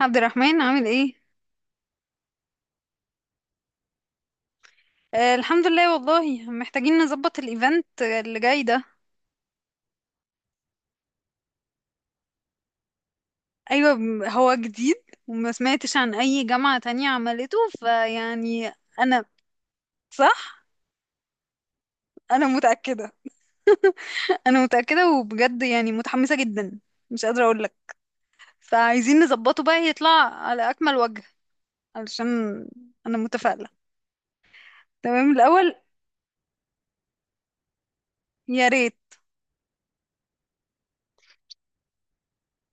عبد الرحمن عامل ايه؟ آه، الحمد لله. والله محتاجين نظبط الايفنت اللي جاي ده. ايوه هو جديد، وما سمعتش عن اي جامعة تانية عملته فيعني. انا. صح. انا متأكدة. انا متأكدة، وبجد يعني متحمسة جدا. مش قادرة اقول لك. فعايزين نظبطه بقى يطلع على اكمل وجه. علشان. انا متفائلة. تمام الاول. يا ريت.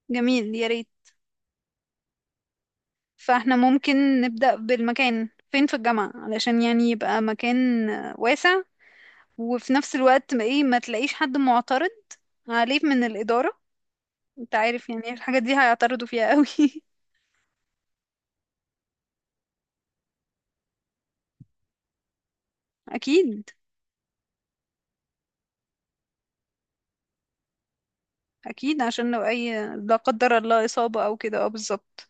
جميل، يا ريت. فاحنا ممكن نبدأ بالمكان فين في الجامعة، علشان يعني يبقى مكان واسع، وفي نفس الوقت ما ايه ما تلاقيش حد معترض عليه من الإدارة. انت عارف يعني الحاجة دي هيعترضوا فيها قوي. اكيد. اكيد عشان لو اي لا قدر الله إصابة او كده، اه، بالظبط.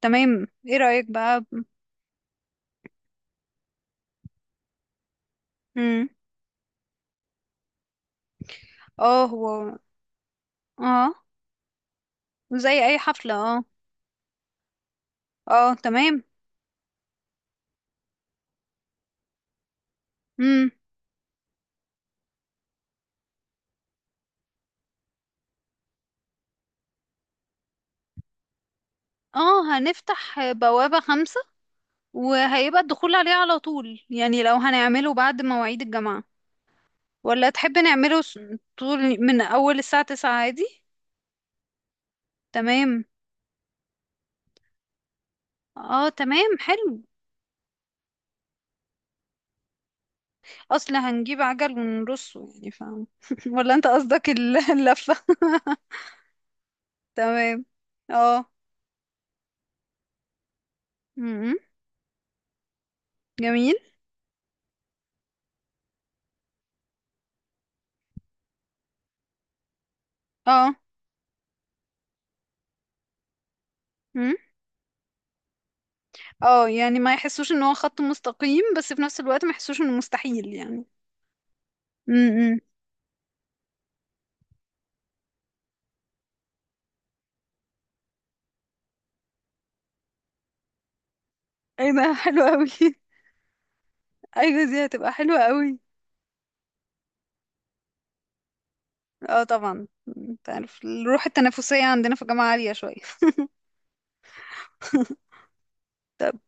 تمام، ايه رأيك بقى؟ امم. اه، هو. اه، زي اي حفلة، اه. اه، تمام. امم، اه، هنفتح بوابة 5، وهيبقى الدخول عليه على طول، يعني لو هنعمله بعد مواعيد الجامعة. ولا تحب نعمله طول من أول الساعة 9 عادي. تمام. اه، تمام حلو. اصلا هنجيب عجل ونرصه يعني، فاهم؟ ولا انت قصدك اللفة. تمام، اه. م-م. جميل. اه. م. اه، يعني ما يحسوش ان هو خط مستقيم، بس في نفس الوقت ما يحسوش انه مستحيل يعني. م-م. ايه ده حلو قوي. ايوه، دي هتبقى حلوة قوي. اه، طبعا. انت عارف الروح التنافسية عندنا في الجامعة عالية شوية. طب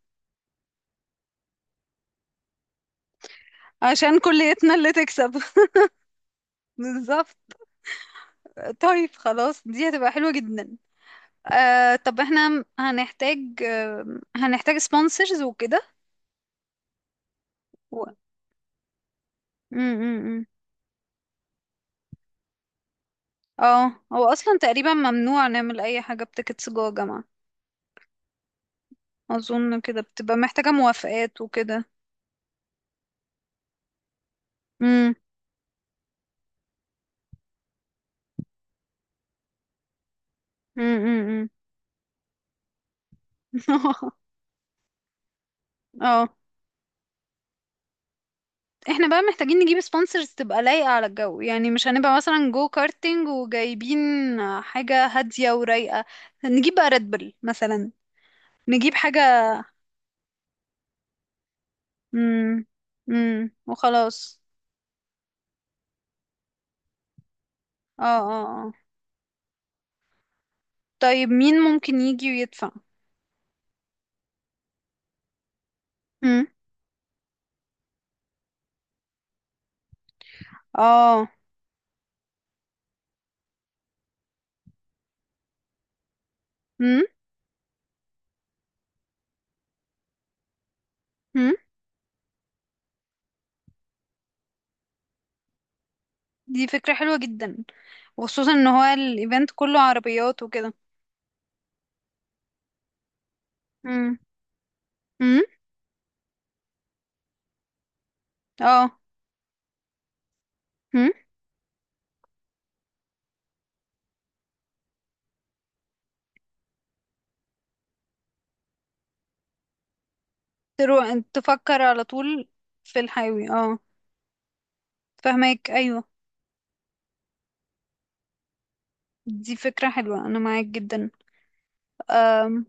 عشان كليتنا اللي تكسب. بالظبط. طيب خلاص، دي هتبقى حلوة جدا. آه، طب احنا هنحتاج آه هنحتاج سبونسرز وكده. و... م- م- م. اه، هو اصلا تقريبا ممنوع نعمل اي حاجة بتيكتس جوه جامعة. اظن كده بتبقى محتاجة موافقات وكده. امم. امم. اه. احنا بقى محتاجين نجيب سبونسرز تبقى لايقة على الجو، يعني مش هنبقى مثلا جو كارتينج وجايبين حاجة هادية ورايقة. نجيب بقى ريد بل مثلا. نجيب حاجة. امم. امم، وخلاص. اه اه اه. طيب مين ممكن يجي ويدفع؟ امم. اه. امم. امم، دي فكرة حلوة جدا، وخصوصا ان هو الايفنت كله عربيات وكده. امم. امم. اه. امم. تفكر على طول. في الحيوي، اه. فهمك، ايوه. دي فكرة حلوة، انا معاك جدا. امم.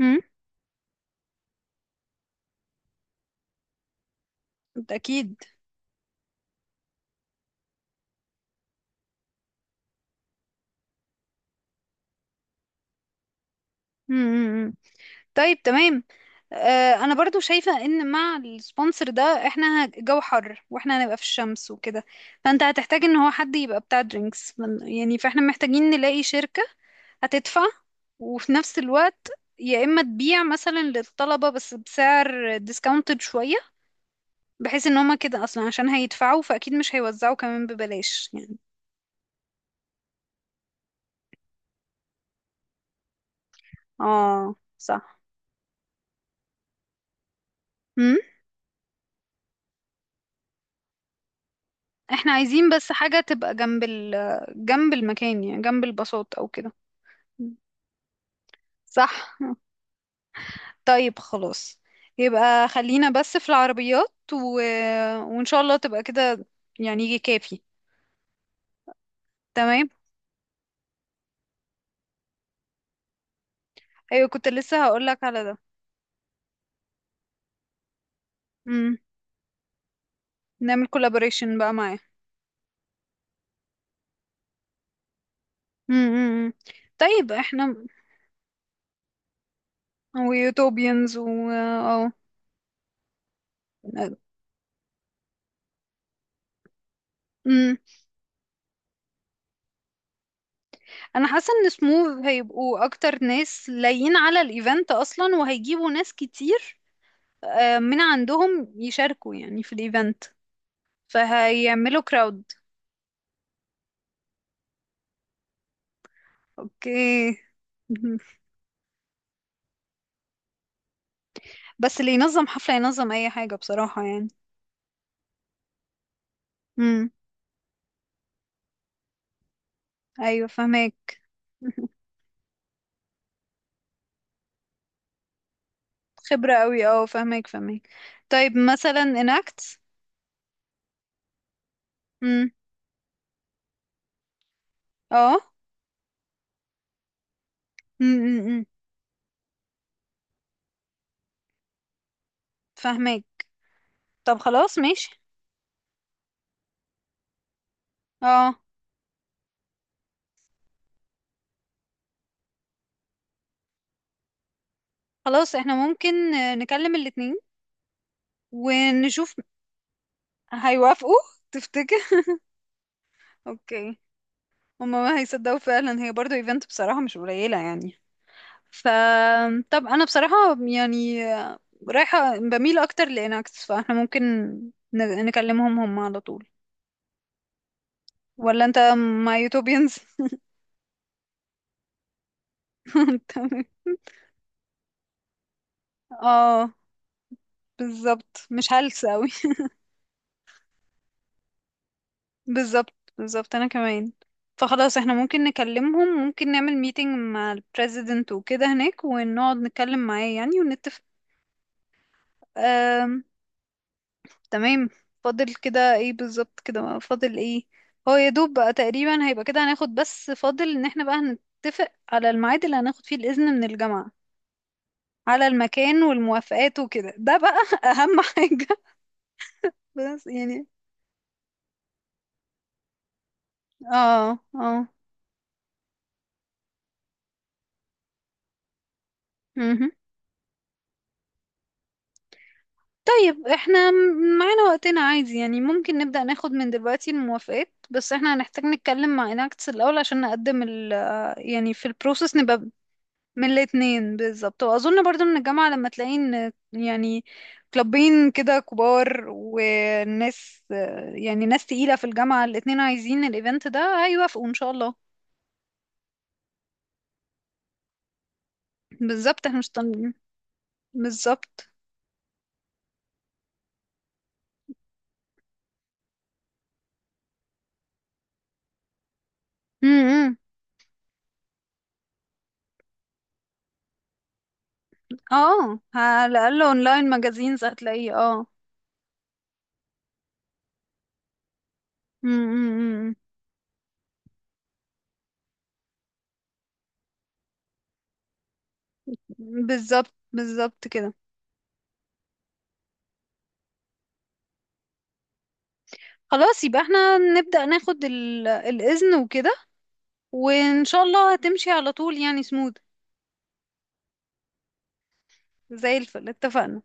امم. اكيد. امم. طيب تمام. آه، انا برضو شايفة ان مع السبونسر ده احنا جو حر، واحنا هنبقى في الشمس وكده، فانت هتحتاج ان هو حد يبقى بتاع درينكس يعني. فاحنا محتاجين نلاقي شركة هتدفع، وفي نفس الوقت يا اما تبيع مثلا للطلبة بس بسعر ديسكاونتد شوية، بحيث ان هما كده اصلا عشان هيدفعوا، فاكيد مش هيوزعوا كمان ببلاش يعني. اه، صح. مم؟ احنا عايزين بس حاجة تبقى جنب جنب المكان، يعني جنب البساط او كده. صح. طيب خلاص. يبقى خلينا بس في العربيات وإن شاء الله تبقى كده. يعني يجي كافي. تمام. أيوة، كنت لسه هقولك على ده. مم. نعمل كولابوريشن بقى معاه. مم، مم، مم. طيب احنا. ويوتوبيانز و اه. مم. انا حاسه ان سموث هيبقوا اكتر ناس لايين على الايفنت اصلا، وهيجيبوا ناس كتير آه، من عندهم يشاركوا يعني في الايفنت، فهيعملوا كراود. اوكي. مهم. بس اللي ينظم حفلة ينظم اي حاجة بصراحة يعني. امم. ايوه، فهمك. خبرة قوي، اه، فهمك فهمك. طيب مثلا اناكت. امم. اه. امم. فهمك. طب خلاص ماشي. اه. خلاص احنا ممكن آه، نكلم الاتنين ونشوف. هيوافقوا تفتكر؟ اوكي. هما ما هيصدقوا فعلا، هي برضو ايفنت بصراحة مش قليلة يعني. فطب انا بصراحة يعني رايحة بميل اكتر لإناكس، فاحنا ممكن نكلمهم هم على طول. ولا انت مع يوتوبيانز؟ تمام. اه بالظبط، مش هلس اوي. بالظبط بالظبط، انا كمان. فخلاص احنا ممكن نكلمهم، ممكن نعمل ميتنج مع البريزيدنت وكده هناك ونقعد نتكلم معاه يعني، ونتفق. تمام. فاضل كده ايه بالظبط؟ كده ما فاضل ايه، هو يا دوب بقى تقريبا هيبقى كده. هناخد بس فاضل ان احنا بقى هنتفق على الميعاد اللي هناخد فيه الإذن من الجامعة على المكان والموافقات وكده، ده بقى اهم حاجة. بس يعني، اه اه. مهم. طيب احنا معانا وقتنا عادي يعني، ممكن نبدأ ناخد من دلوقتي الموافقات، بس احنا هنحتاج نتكلم مع اناكتس الأول عشان نقدم يعني في البروسيس نبقى من الاتنين. بالظبط، واظن برضو من الجامعة لما تلاقي ان يعني كلابين كده كبار وناس، يعني ناس تقيلة في الجامعة الاتنين عايزين الايفنت ده، هيوافقوا ان شاء الله. بالظبط، احنا مش بالظبط. امم. اه، على الاقل اونلاين ماجازينز هتلاقيه، اه. امم. بالظبط بالظبط كده. خلاص يبقى احنا نبدأ ناخد الاذن وكده، وان شاء الله هتمشي على طول يعني سموث. زي الفل. اتفقنا.